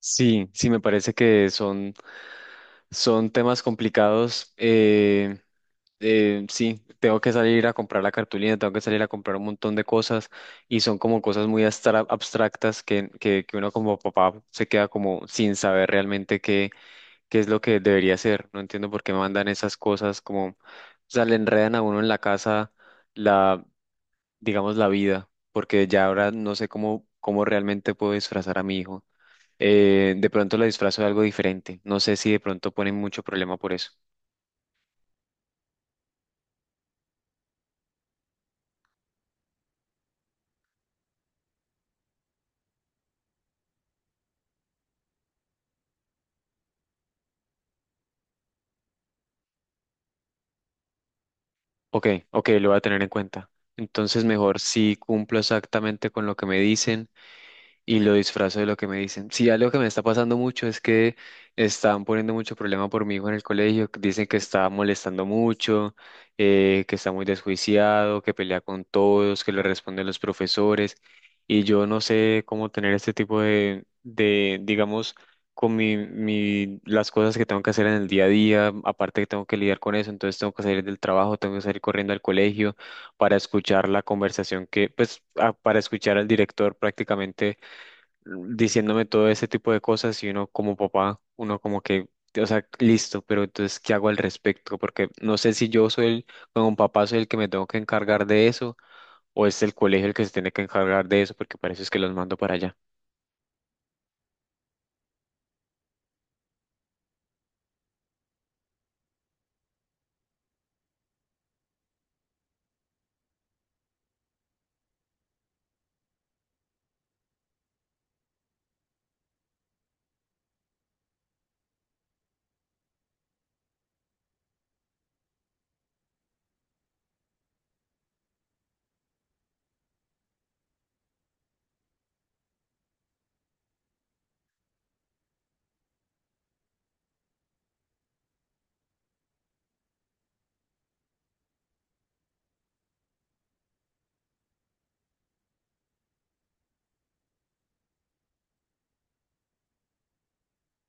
Sí, sí, me parece que son, son temas complicados. Sí, tengo que salir a comprar la cartulina, tengo que salir a comprar un montón de cosas y son como cosas muy abstractas que uno como papá se queda como sin saber realmente qué, qué es lo que debería hacer. No entiendo por qué mandan esas cosas como, o sea, le enredan a uno en la casa la, digamos, la vida, porque ya ahora no sé cómo, cómo realmente puedo disfrazar a mi hijo, de pronto la disfrazo de algo diferente. No sé si de pronto ponen mucho problema por eso. Ok, ok, lo voy a tener en cuenta. Entonces mejor si cumplo exactamente con lo que me dicen y lo disfrazo de lo que me dicen. Sí, algo que me está pasando mucho es que están poniendo mucho problema por mi hijo en el colegio, que dicen que está molestando mucho, que está muy desjuiciado, que pelea con todos, que le responden los profesores, y yo no sé cómo tener este tipo digamos, con las cosas que tengo que hacer en el día a día, aparte que tengo que lidiar con eso, entonces tengo que salir del trabajo, tengo que salir corriendo al colegio para escuchar la conversación que, pues, para escuchar al director prácticamente diciéndome todo ese tipo de cosas y uno como papá, uno como que, o sea, listo, pero entonces, ¿qué hago al respecto? Porque no sé si yo soy el, como papá soy el que me tengo que encargar de eso o es el colegio el que se tiene que encargar de eso porque parece es que los mando para allá.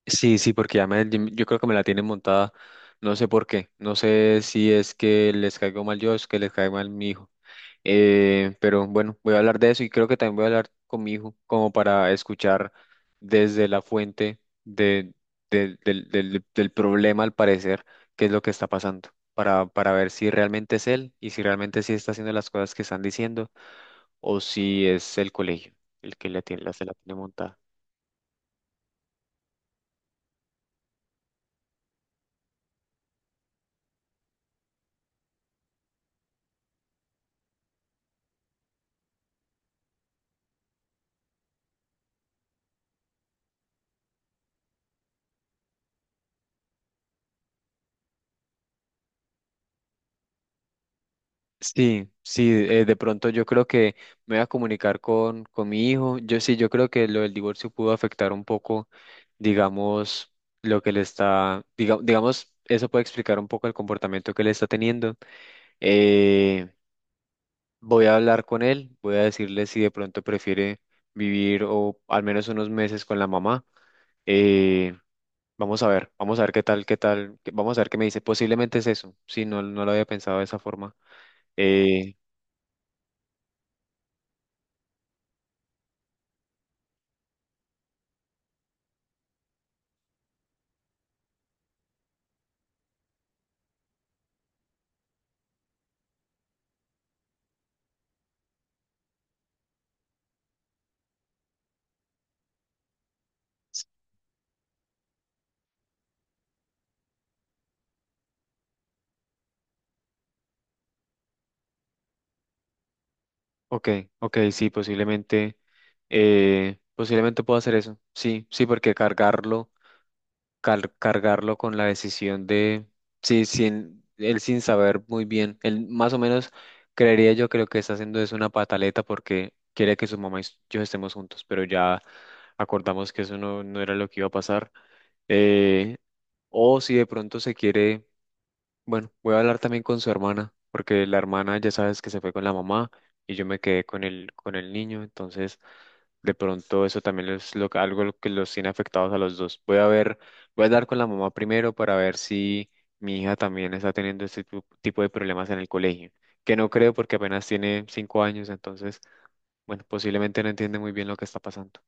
Sí, sí, porque ya me, yo creo que me la tienen montada, no sé por qué, no sé si es que les caigo mal yo o es que les caigo mal mi hijo. Pero bueno, voy a hablar de eso y creo que también voy a hablar con mi hijo, como para escuchar desde la fuente de, del problema, al parecer, qué es lo que está pasando, para ver si realmente es él y si realmente sí está haciendo las cosas que están diciendo o si es el colegio el que le tiene, la, se la tiene montada. Sí, sí, de pronto yo creo que me voy a comunicar con mi hijo. Yo sí, yo creo que lo del divorcio pudo afectar un poco, digamos, lo que le está, digamos, eso puede explicar un poco el comportamiento que le está teniendo. Eh, Voy a hablar con él, voy a decirle si de pronto prefiere vivir o al menos unos meses con la mamá. Eh, Vamos a ver, vamos a ver qué tal, vamos a ver qué me dice. Posiblemente es eso, sí, no, no lo había pensado de esa forma. Eh, Ok, ok, sí, posiblemente, posiblemente puedo hacer eso. Sí, sí, porque cargarlo, cargarlo con la decisión de, sí, sin, él sin saber muy bien, él más o menos creería yo que lo que está haciendo es una pataleta porque quiere que su mamá y yo estemos juntos, pero ya acordamos que eso no, no era lo que iba a pasar. Eh, o si de pronto se quiere, bueno, voy a hablar también con su hermana, porque la hermana ya sabes que se fue con la mamá y yo me quedé con el niño, entonces de pronto eso también es lo, algo lo que los tiene afectados a los dos. Voy a ver, voy a hablar con la mamá primero para ver si mi hija también está teniendo este tipo de problemas en el colegio, que no creo porque apenas tiene 5 años, entonces, bueno, posiblemente no entiende muy bien lo que está pasando.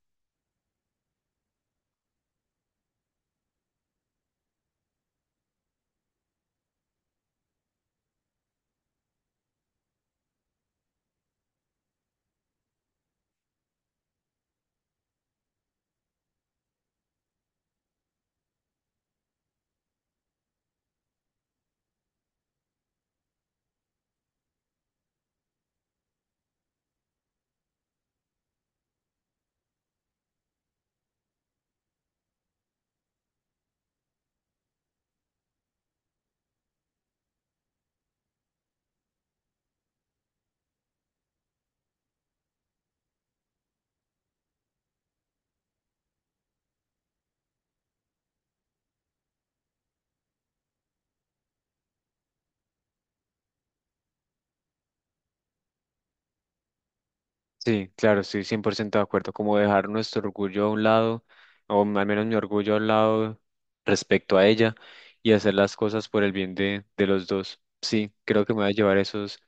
Sí, claro, estoy 100% de acuerdo, como dejar nuestro orgullo a un lado, o al menos mi orgullo a un lado respecto a ella y hacer las cosas por el bien de los dos. Sí, creo que me voy a llevar esos,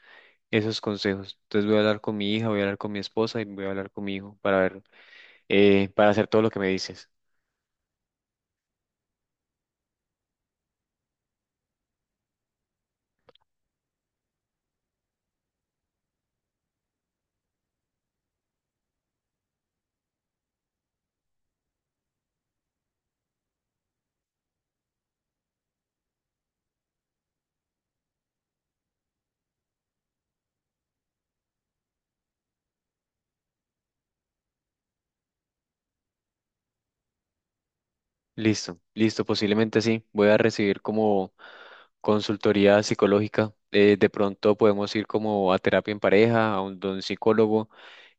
esos consejos. Entonces voy a hablar con mi hija, voy a hablar con mi esposa y voy a hablar con mi hijo para ver, para hacer todo lo que me dices. Listo, listo, posiblemente sí. Voy a recibir como consultoría psicológica. De pronto podemos ir como a terapia en pareja, a un, de un psicólogo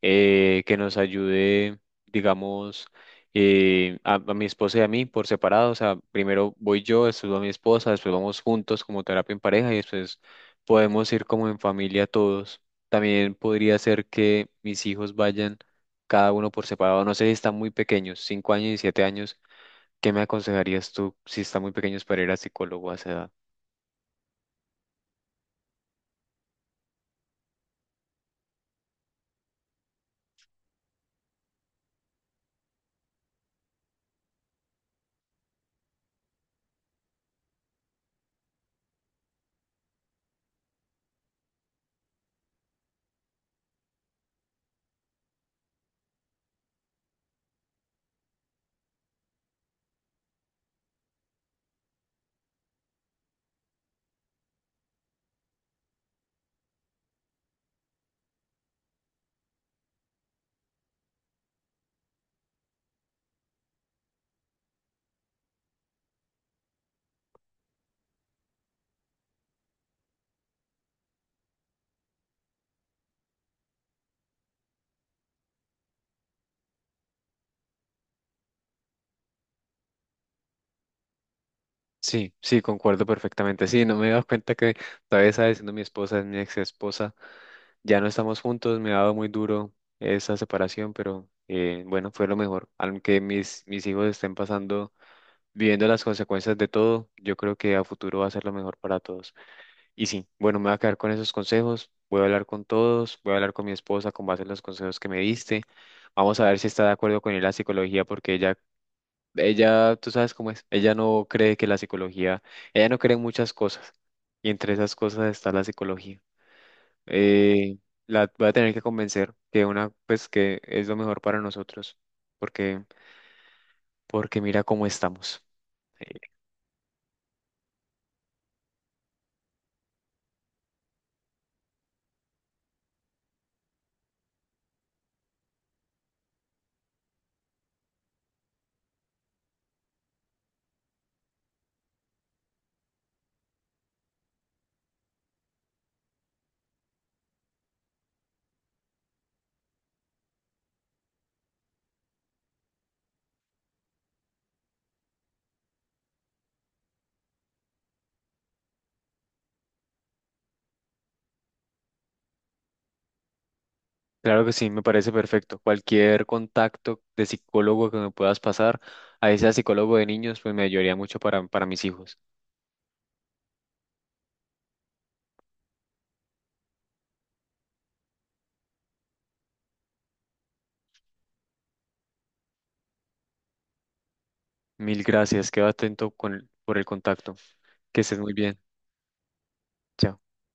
que nos ayude, digamos, a mi esposa y a mí por separado. O sea, primero voy yo, después va mi esposa, después vamos juntos como terapia en pareja y después podemos ir como en familia todos. También podría ser que mis hijos vayan cada uno por separado. No sé si están muy pequeños, 5 años y 7 años. ¿Qué me aconsejarías tú si está muy pequeños para ir a psicólogo a esa edad? Sí, sí, concuerdo perfectamente. Sí, no me he dado cuenta que todavía está diciendo mi esposa, es mi ex esposa. Ya no estamos juntos, me ha dado muy duro esa separación, pero bueno, fue lo mejor. Aunque mis hijos estén pasando, viviendo las consecuencias de todo, yo creo que a futuro va a ser lo mejor para todos. Y sí, bueno, me voy a quedar con esos consejos. Voy a hablar con todos, voy a hablar con mi esposa con base en los consejos que me diste. Vamos a ver si está de acuerdo con ir a la psicología porque ella, tú sabes cómo es, ella no cree que la psicología, ella no cree en muchas cosas, y entre esas cosas está la psicología. Eh, la voy a tener que convencer que una, pues que es lo mejor para nosotros, porque, porque mira cómo estamos. Eh, claro que sí, me parece perfecto. Cualquier contacto de psicólogo que me puedas pasar, ahí sea psicólogo de niños, pues me ayudaría mucho para mis hijos. Mil gracias, quedo atento con, por el contacto. Que estés muy bien. Chao.